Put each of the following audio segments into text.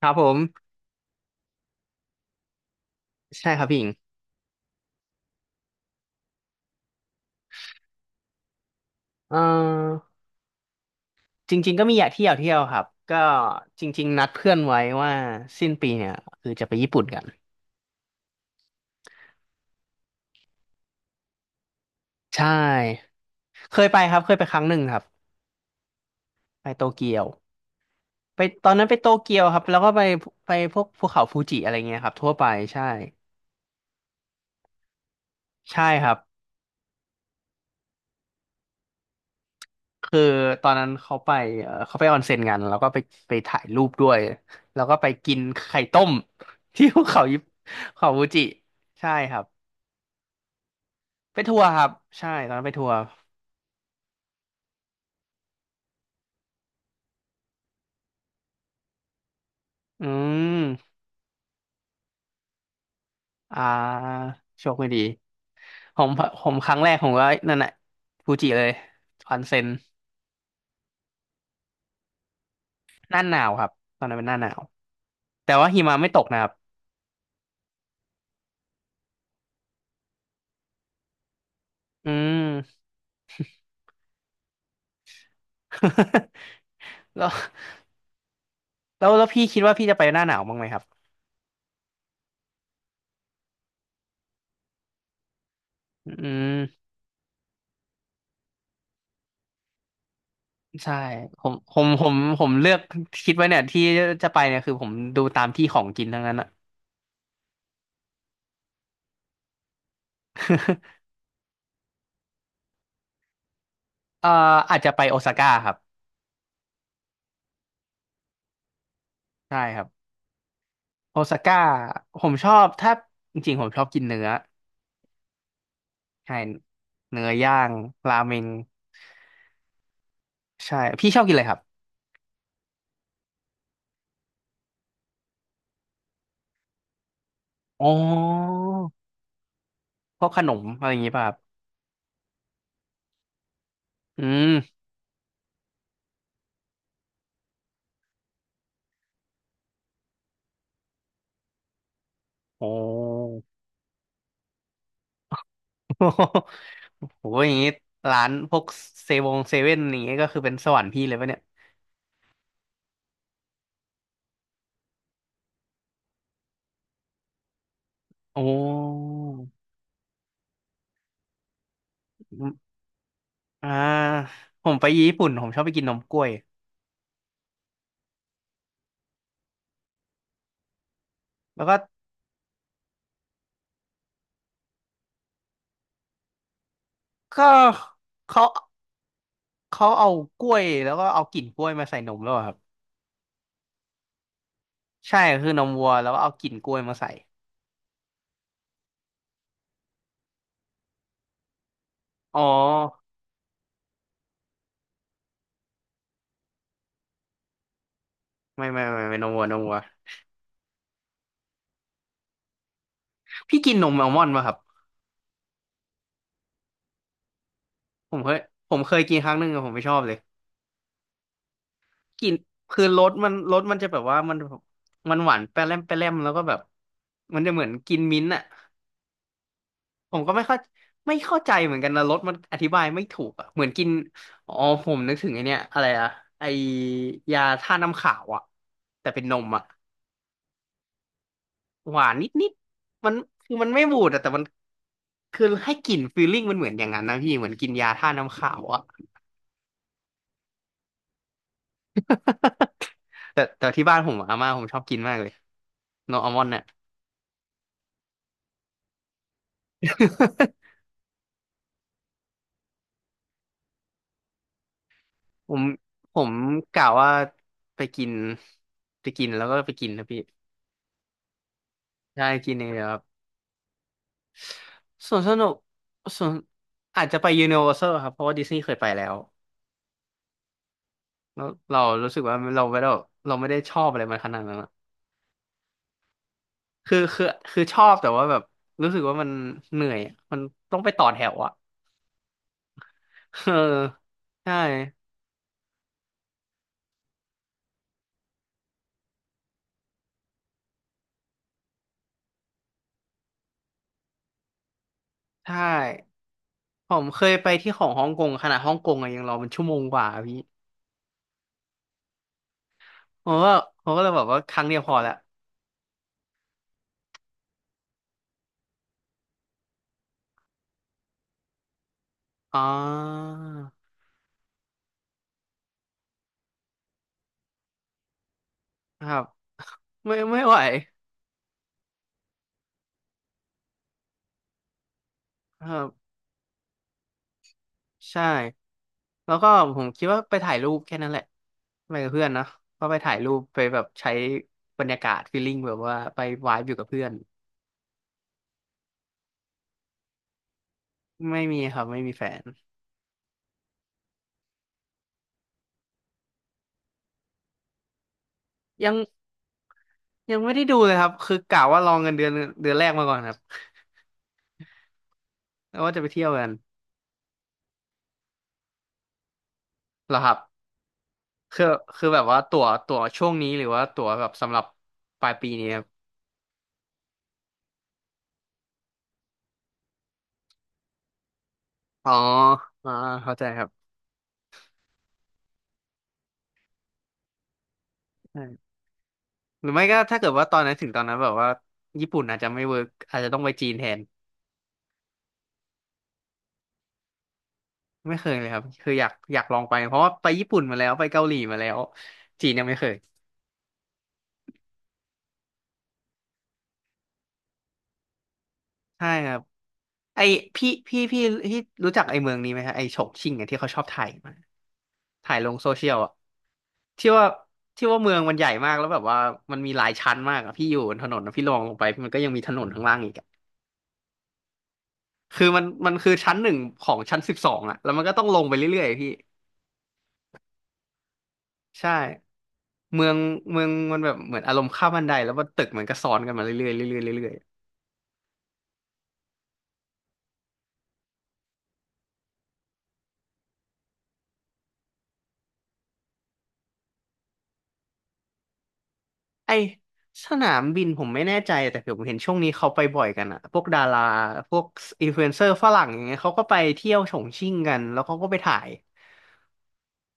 ครับผมใช่ครับพี่หญิงเออจริงๆก็มีอยากเที่ยวเที่ยวครับก็จริงๆนัดเพื่อนไว้ว่าสิ้นปีเนี่ยคือจะไปญี่ปุ่นกันใช่เคยไปครับเคยไปครั้งหนึ่งครับไปโตเกียวไปตอนนั้นไปโตเกียวครับแล้วก็ไปพวกภูเขาฟูจิอะไรเงี้ยครับทั่วไปใช่ใช่ครับคือตอนนั้นเขาไปเขาไปออนเซ็นกันแล้วก็ไปถ่ายรูปด้วยแล้วก็ไปกินไข่ต้ม ที่ภูเขาเขาฟูจิใช่ครับ ไปทัวร์ครับใช่ตอนนั้นไปทัวร์อืมอ่าโชคไม่ดีผมผมครั้งแรกผมก็นั่นแหละฟูจิเลยออนเซ็นหน้าหนาวครับตอนนั้นเป็นหน้าหนาวแต่ว่าหิมะไม่ตกนะครับอืม แล้วแล้วพี่คิดว่าพี่จะไปหน้าหนาวบ้างไหมครับอืมใช่ผมเลือกคิดไว้เนี่ยที่จะไปเนี่ยคือผมดูตามที่ของกินทั้งนั้นอะ เอ่ออาจจะไปโอซาก้าครับใช่ครับ โอซาก้าผมชอบจริงๆผมชอบกินเนื้อใช่เนื้อย่างราเมงใช่พี่ชอบกินอะไรครับอ๋อพวกขนมอะไรอย่างงี้ป่ะครับอืมโอ้ โหอย่างงี้ร้านพวกเซเว่นอย่างงี้ก็คือเป็นสวรรค์พี่เลยปะเนี่ยโอ้อืมอ่าผมไปญี่ปุ่นผมชอบไปกินนมกล้วยแล้วก็ก็เขาเขาเอากล้วยแล้วก็เอากลิ่นกล้วยมาใส่นมแล้วอะครับ ใช่คือนมวัวแล้วก็เอากลิ่นกล้วยมาใส่อ๋อไม่ไม่ไม่ไม่นมวัวนมวัวพี่กินนมอัลมอนด์ป่ะครับผมเคยผมเคยกินครั้งหนึ่งอะผมไม่ชอบเลยกินคือรสมันจะแบบว่ามันหวานแปร่มแปร่มแล้วก็แบบมันจะเหมือนกินมิ้นท์อ่ะผมก็ไม่เข้าใจเหมือนกันนะรสมันอธิบายไม่ถูกอะเหมือนกินอ๋อผมนึกถึงไอเนี้ยอะไรอะไอยาท่าตุน้ำขาวอะแต่เป็นนมอะ หวานนิดนิดมันมันไม่บูดอะแต่มันคือให้กลิ่นฟีลลิ่งมันเหมือนอย่างนั้นนะพี่เหมือนกินยาท่าตุน้ำขาวอะ แต่ที่บ้านผมออาม่าผมชอบกินมากเลยโนอัลมอนด์เนี่ย ผมผมกะว่าไปกินไปกินแล้วก็ไปกินนะพี่ใช่กินเองเลยครับส่วนสนุกส่วนอาจจะไปยูนิเวอร์แซลครับเพราะว่าดิสนีย์เคยไปแล้วแล้วเรารู้สึกว่าเราไม่ได้ชอบอะไรมันขนาดนั้น คือคือคือชอบแต่ว่าแบบรู้สึกว่ามันเหนื่อยอะมันต้องไปต่อแถวอ่ะเออใช่ใช่ผมเคยไปที่ของฮ่องกงขนาดฮ่องกงอะยังรอเป็นชั่วโมงกว่าอะพี่ผมก็ผมก็เลยบอกว่าครั้งเดียวพอละอ๋อครับ ไม่ไม่ไหวครับใช่แล้วก็ผมคิดว่าไปถ่ายรูปแค่นั้นแหละไปกับเพื่อนนะก็ไปถ่ายรูปไปแบบใช้บรรยากาศฟีลลิ่งแบบว่าไปวายอยู่กับเพื่อนไม่มีครับไม่มีแฟนยัง ยังไม่ได้ดูเลยครับคือกะว่าลองเงินเดือนเดือนแรกมาก่อนครับแล้วว่าจะไปเที่ยวกันเหรอครับคือคือแบบว่าตั๋วช่วงนี้หรือว่าตั๋วแบบสำหรับปลายปีนี้ครับอ๋ออ่าเข้าใจครับใช่หรือไม่ก็ถ้าเกิดว่าตอนนั้นถึงตอนนั้นแบบว่าญี่ปุ่นอาจจะไม่เวิร์กอาจจะต้องไปจีนแทนไม่เคยเลยครับคืออยากลองไปเพราะว่าไปญี่ปุ่นมาแล้วไปเกาหลีมาแล้วจีนยังไม่เคยใช่ครับไอพี่ที่รู้จักไอเมืองนี้ไหมฮะไอฉงชิ่งเนี่ยที่เขาชอบถ่ายมาถ่ายลงโซเชียลอ่ะ ที่ว่าที่ว่าเมืองมันใหญ่มากแล้วแบบว่ามันมีหลายชั้นมากอะพี่อยู่บนถนนอะพี่ลองลงไปมันก็ยังมีถนนข้างล่างอีกอะคือมันคือชั้นหนึ่งของชั้นสิบสองอะแล้วมันก็ต้องลงไปเรื่อยๆพี่ใช่เมืองเมืองมันแบบเหมือนอารมณ์ข้ามบันไดแล้วว่าตึกมันก็ซ้อนกันมาเรื่อยๆเรื่อยๆเรื่อยๆไอสนามบินผมไม่แน่ใจแต่ผมเห็นช่วงนี้เขาไปบ่อยกันอะพวกดาราพวกอินฟลูเอนเซอร์ฝรั่งอย่างเงี้ยเขาก็ไปเที่ยวฉงชิ่งกันแล้วเขาก็ไปถ่าย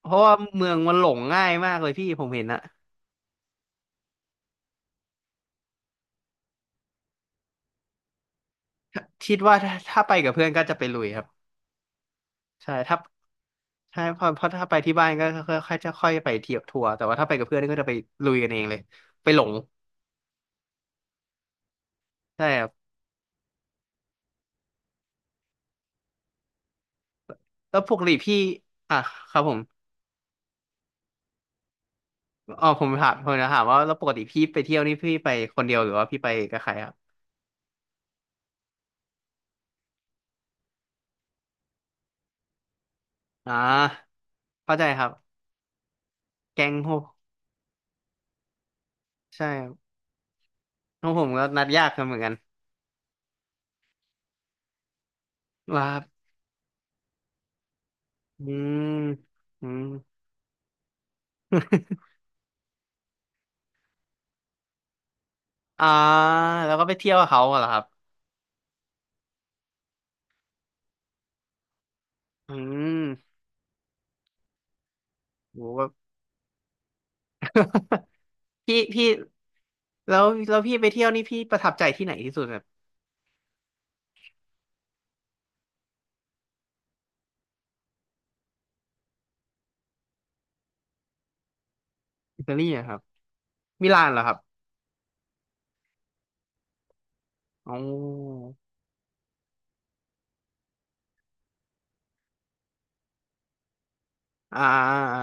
เพราะว่าเมืองมันหลงง่ายมากเลยพี่ผมเห็นอะ คิดว่าถ้าไปกับเพื่อนก็จะไปลุยครับใช่ถ้าใช่เพราะถ้าไปที่บ้านก็ค่อยค่อยจะค่อยไปเที่ยวทัวร์แต่ว่าถ้าไปกับเพื่อนก็จะไปลุยกันเองเลยไปหลงใช่ครับแล้วปกติพี่อ่ะครับผมอ๋อผมถามผมจะถามว่าแล้วปกติพี่ไปเที่ยวนี่พี่ไปคนเดียวหรือว่าพี่ไปกับใครครับอ่าเข้าใจครับแก๊งโฮใช่ครับของผมก็นัดยากกันเหมือนกันว่าครับอืมอืม อ่าแล้วก็ไปเที่ยวกับเขาเหรอครับอืมโห พี่พี่แล้วพี่ไปเที่ยวนี่พี่ประทับใจที่ไหนที่สุดครับอิตาลีอะครับมิลานเหรอครับอ๋ออ่าอ่า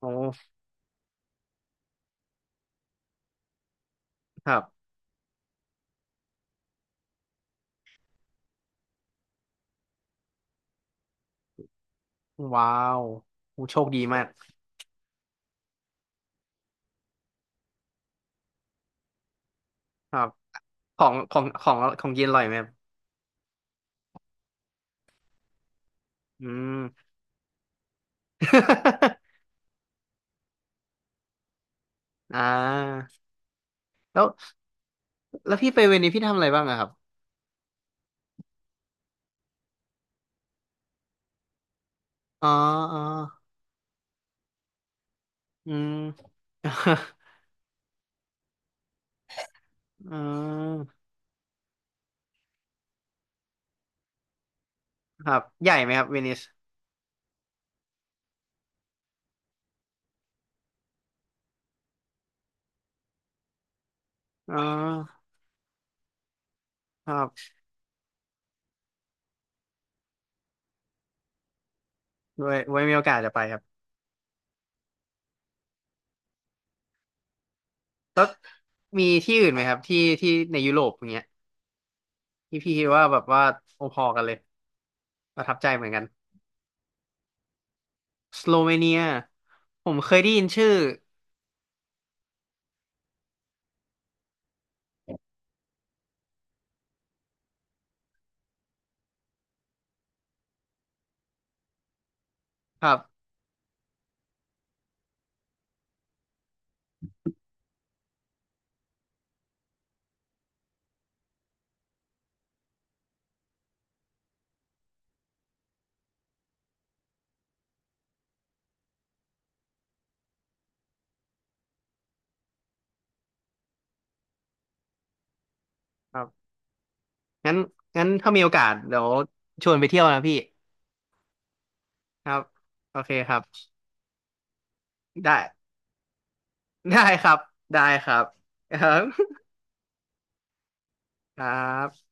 โอ้ครับว้าวโอ้โชคดีมากครับของของของของเย็นอร่อยไหมครับอืม อ่าแล้วแล้วพี่ไปเวนิสพี่ทำอะไรบ้างอะครับอ๋ออ๋ออืม อืมครับใหญ่ไหมครับเวนิสอ๋อครับไว้มีโอกาสจะไปครับ มีที่อื่นไหมครับที่ในยุโรปอย่างเงี้ยที่พี่คิดว่าแบบว่าพอๆกันเลยประทับใจเหมือนกันสโลเวเนียผมเคยได้ยินชื่อครับครับงั้นงั้นถ้ามีโอกาสเดี๋ยวชวนไปเที่ยวนะพี่ครับโอเคครับได้ได้ครับได้ครับ ครับ ครับ